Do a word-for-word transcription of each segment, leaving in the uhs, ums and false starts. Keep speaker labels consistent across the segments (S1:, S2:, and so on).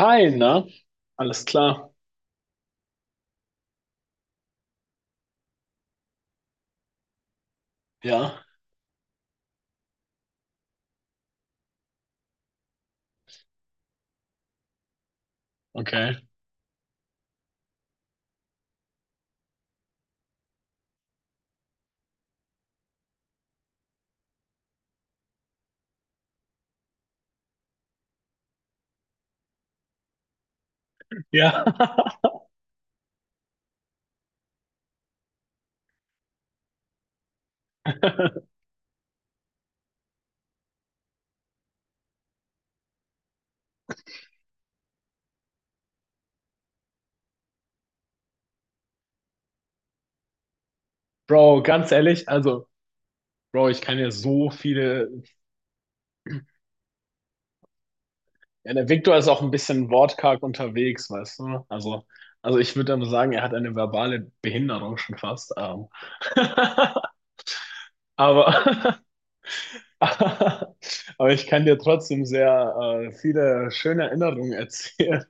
S1: Hi, na? Alles klar? Ja, okay. Ja. Bro, ganz ehrlich, also, Bro, ich kann ja so viele. Ja, der Victor ist auch ein bisschen wortkarg unterwegs, weißt du? Also, also ich würde aber sagen, er hat eine verbale Behinderung schon fast. Ähm. Aber, aber ich kann dir trotzdem sehr äh, viele schöne Erinnerungen erzählen,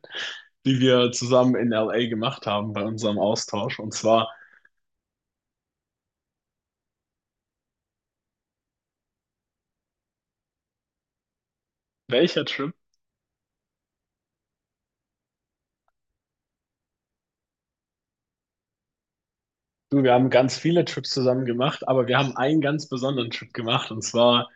S1: die wir zusammen in L A gemacht haben bei unserem Austausch. Und zwar, welcher Trip? Du, wir haben ganz viele Trips zusammen gemacht, aber wir haben einen ganz besonderen Trip gemacht, und zwar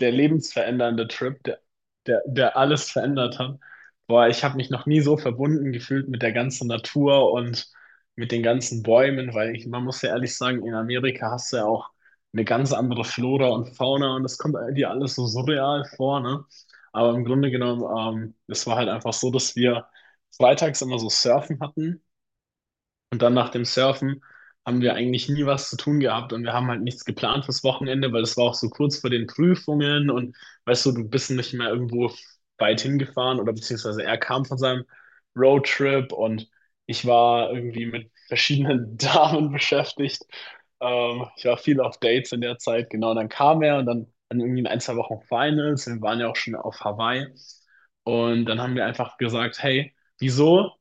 S1: der lebensverändernde Trip, der, der, der alles verändert hat. Boah, ich habe mich noch nie so verbunden gefühlt mit der ganzen Natur und mit den ganzen Bäumen, weil ich, man muss ja ehrlich sagen, in Amerika hast du ja auch eine ganz andere Flora und Fauna, und das kommt dir alles so surreal vor, ne? Aber im Grunde genommen, ähm, es war halt einfach so, dass wir freitags immer so Surfen hatten. Und dann nach dem Surfen haben wir eigentlich nie was zu tun gehabt, und wir haben halt nichts geplant fürs Wochenende, weil das war auch so kurz vor den Prüfungen, und weißt du, du bist nicht mehr irgendwo weit hingefahren oder beziehungsweise er kam von seinem Roadtrip und ich war irgendwie mit verschiedenen Damen beschäftigt. Ähm, ich war viel auf Dates in der Zeit, genau. Und dann kam er und dann, dann irgendwie in ein, zwei Wochen Finals. Wir waren ja auch schon auf Hawaii und dann haben wir einfach gesagt, hey, wieso?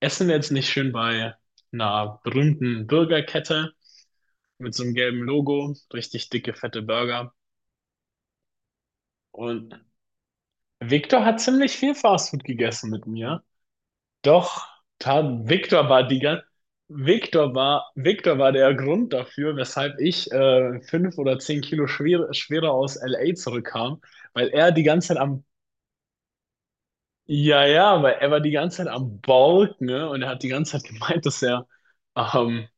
S1: Essen wir jetzt nicht schön bei einer berühmten Burgerkette mit so einem gelben Logo, richtig dicke, fette Burger. Und Victor hat ziemlich viel Fastfood gegessen mit mir. Doch, ta- Victor war die ganze, Victor war, Victor war der Grund dafür, weshalb ich äh, fünf oder zehn Kilo schwer, schwerer aus L A zurückkam, weil er die ganze Zeit am, ja, ja, weil er war die ganze Zeit am Balken, ne? Und er hat die ganze Zeit gemeint, dass er ähm,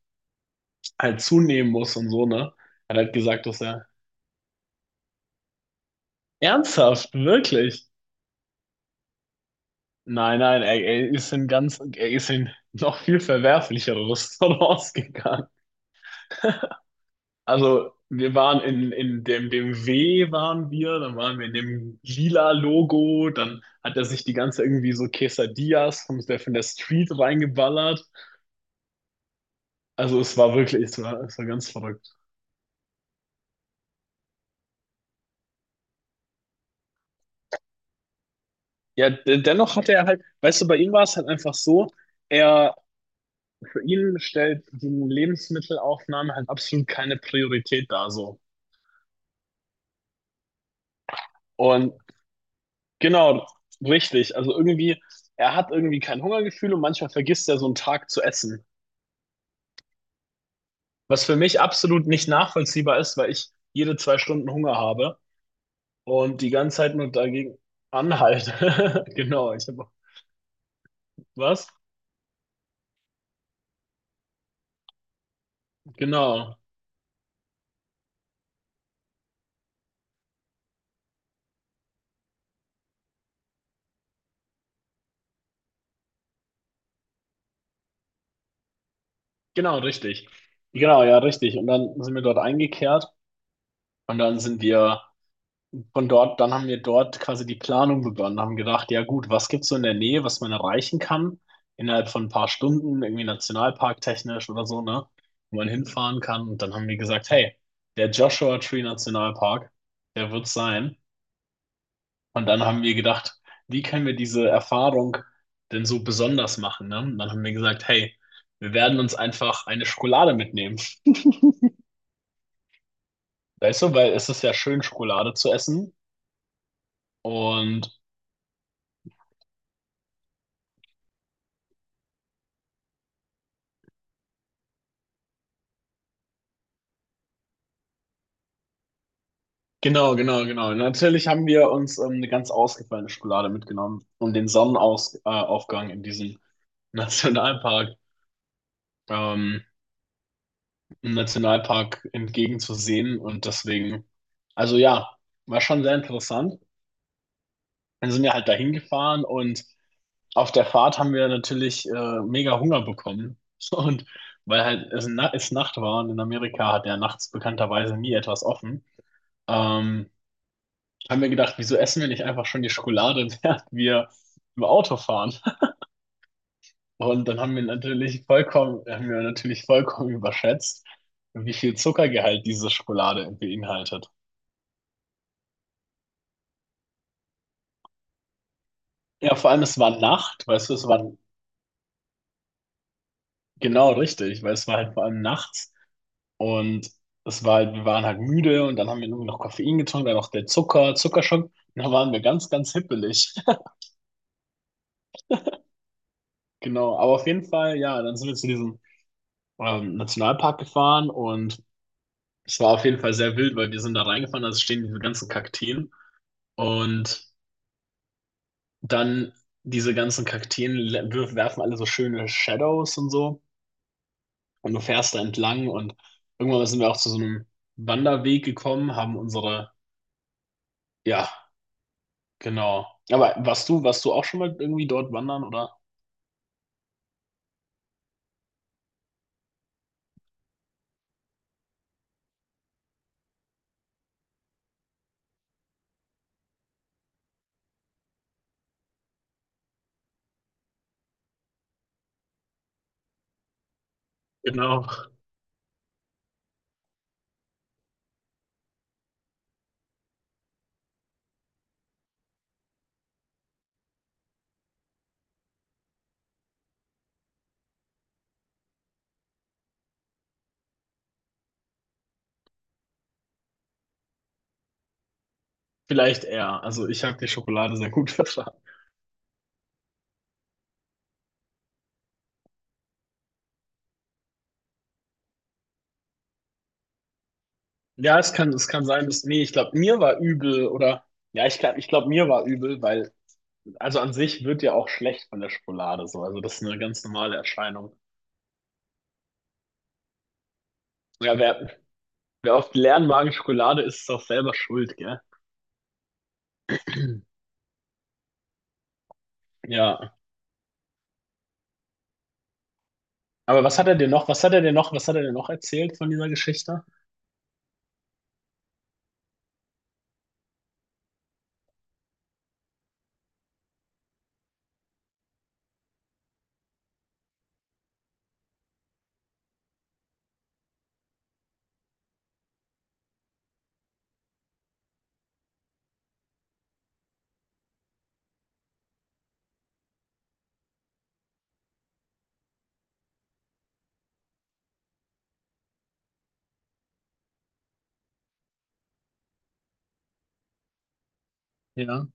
S1: halt zunehmen muss und so, ne? Er hat halt gesagt, dass er ernsthaft, wirklich. Nein, nein, er, er ist in ganz, er ist in noch viel verwerflicheres rausgegangen. Also, wir waren in, in dem, dem W waren wir, dann waren wir in dem lila Logo, dann hat er sich die ganze irgendwie so Quesadillas von der, von der Street reingeballert. Also es war wirklich, es war, es war ganz verrückt. Ja, de- dennoch hatte er halt, weißt du, bei ihm war es halt einfach so, er für ihn stellt die Lebensmittelaufnahme halt absolut keine Priorität dar so. Und genau, richtig. Also irgendwie, er hat irgendwie kein Hungergefühl und manchmal vergisst er so einen Tag zu essen. Was für mich absolut nicht nachvollziehbar ist, weil ich jede zwei Stunden Hunger habe und die ganze Zeit nur dagegen anhalte. Genau, ich habe. Was? Genau, genau, richtig. Genau, ja, richtig. Und dann sind wir dort eingekehrt, und dann sind wir von dort, dann haben wir dort quasi die Planung begonnen, haben gedacht, ja gut, was gibt's so in der Nähe, was man erreichen kann, innerhalb von ein paar Stunden, irgendwie nationalparktechnisch oder so, ne, wo man hinfahren kann. Und dann haben wir gesagt, hey, der Joshua Tree Nationalpark, der wird sein. Und dann haben wir gedacht, wie können wir diese Erfahrung denn so besonders machen, ne? Und dann haben wir gesagt, hey, wir werden uns einfach eine Schokolade mitnehmen. Weißt du, weil es ist ja schön, Schokolade zu essen. Und genau, genau, genau. Natürlich haben wir uns ähm, eine ganz ausgefallene Schokolade mitgenommen, um den Sonnenaufgang, äh, Aufgang in diesem Nationalpark, ähm, im Nationalpark entgegenzusehen. Und deswegen, also ja, war schon sehr interessant. Dann sind wir halt dahin gefahren, und auf der Fahrt haben wir natürlich äh, mega Hunger bekommen. Und weil halt es, na es Nacht war und in Amerika hat ja nachts bekannterweise nie etwas offen. Ähm, haben wir gedacht, wieso essen wir nicht einfach schon die Schokolade, während wir im Auto fahren? Und dann haben wir natürlich vollkommen, haben wir natürlich vollkommen überschätzt, wie viel Zuckergehalt diese Schokolade beinhaltet. Ja, vor allem es war Nacht, weißt du, es war genau richtig, weil es war halt vor allem nachts und es war halt, wir waren halt müde und dann haben wir irgendwie noch Koffein getrunken, dann noch der Zucker, Zuckerschock, dann waren wir ganz, ganz hippelig. Genau, aber auf jeden Fall, ja, dann sind wir zu diesem ähm, Nationalpark gefahren, und es war auf jeden Fall sehr wild, weil wir sind da reingefahren, also stehen diese ganzen Kakteen und dann diese ganzen Kakteen le- wirf- werfen alle so schöne Shadows und so, und du fährst da entlang und irgendwann sind wir auch zu so einem Wanderweg gekommen, haben unsere, ja, genau. Aber warst du, warst du auch schon mal irgendwie dort wandern, oder? Genau, vielleicht eher. Also ich habe die Schokolade sehr gut verstanden. Ja, es kann, es kann sein, dass, nee, ich glaube, mir war übel oder, ja, ich glaube, ich glaube, mir war übel, weil also an sich wird ja auch schlecht von der Schokolade so. Also das ist eine ganz normale Erscheinung. Ja, wer, wer oft leeren Magen Schokolade isst, ist auch selber schuld, gell? Ja. Aber was hat er dir noch, was hat er dir noch, was hat er dir noch erzählt von dieser Geschichte? Ja.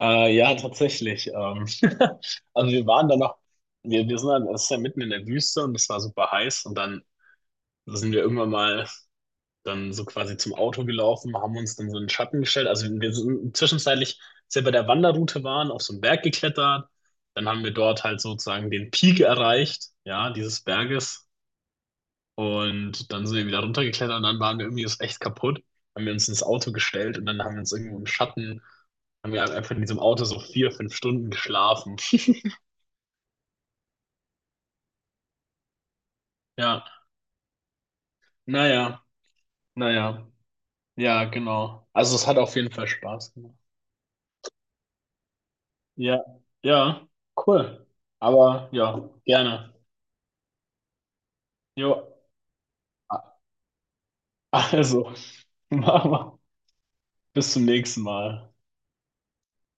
S1: Äh, ja, tatsächlich. Ähm, also wir waren da noch, wir, wir sind dann, es ist ja mitten in der Wüste und es war super heiß und dann sind wir irgendwann mal dann so quasi zum Auto gelaufen, haben uns dann so in den Schatten gestellt. Also wir sind zwischenzeitlich, als wir bei der Wanderroute waren, auf so einen Berg geklettert. Dann haben wir dort halt sozusagen den Peak erreicht, ja, dieses Berges. Und dann sind wir wieder runtergeklettert und dann waren wir irgendwie jetzt echt kaputt. Haben wir uns ins Auto gestellt und dann haben wir uns irgendwo im Schatten, haben wir einfach in diesem Auto so vier, fünf Stunden geschlafen. Ja, naja, naja. Ja, genau. Also es hat auf jeden Fall Spaß gemacht. Ja, ja, cool. Aber ja, gerne. Jo, also, machen wir. Bis zum nächsten Mal.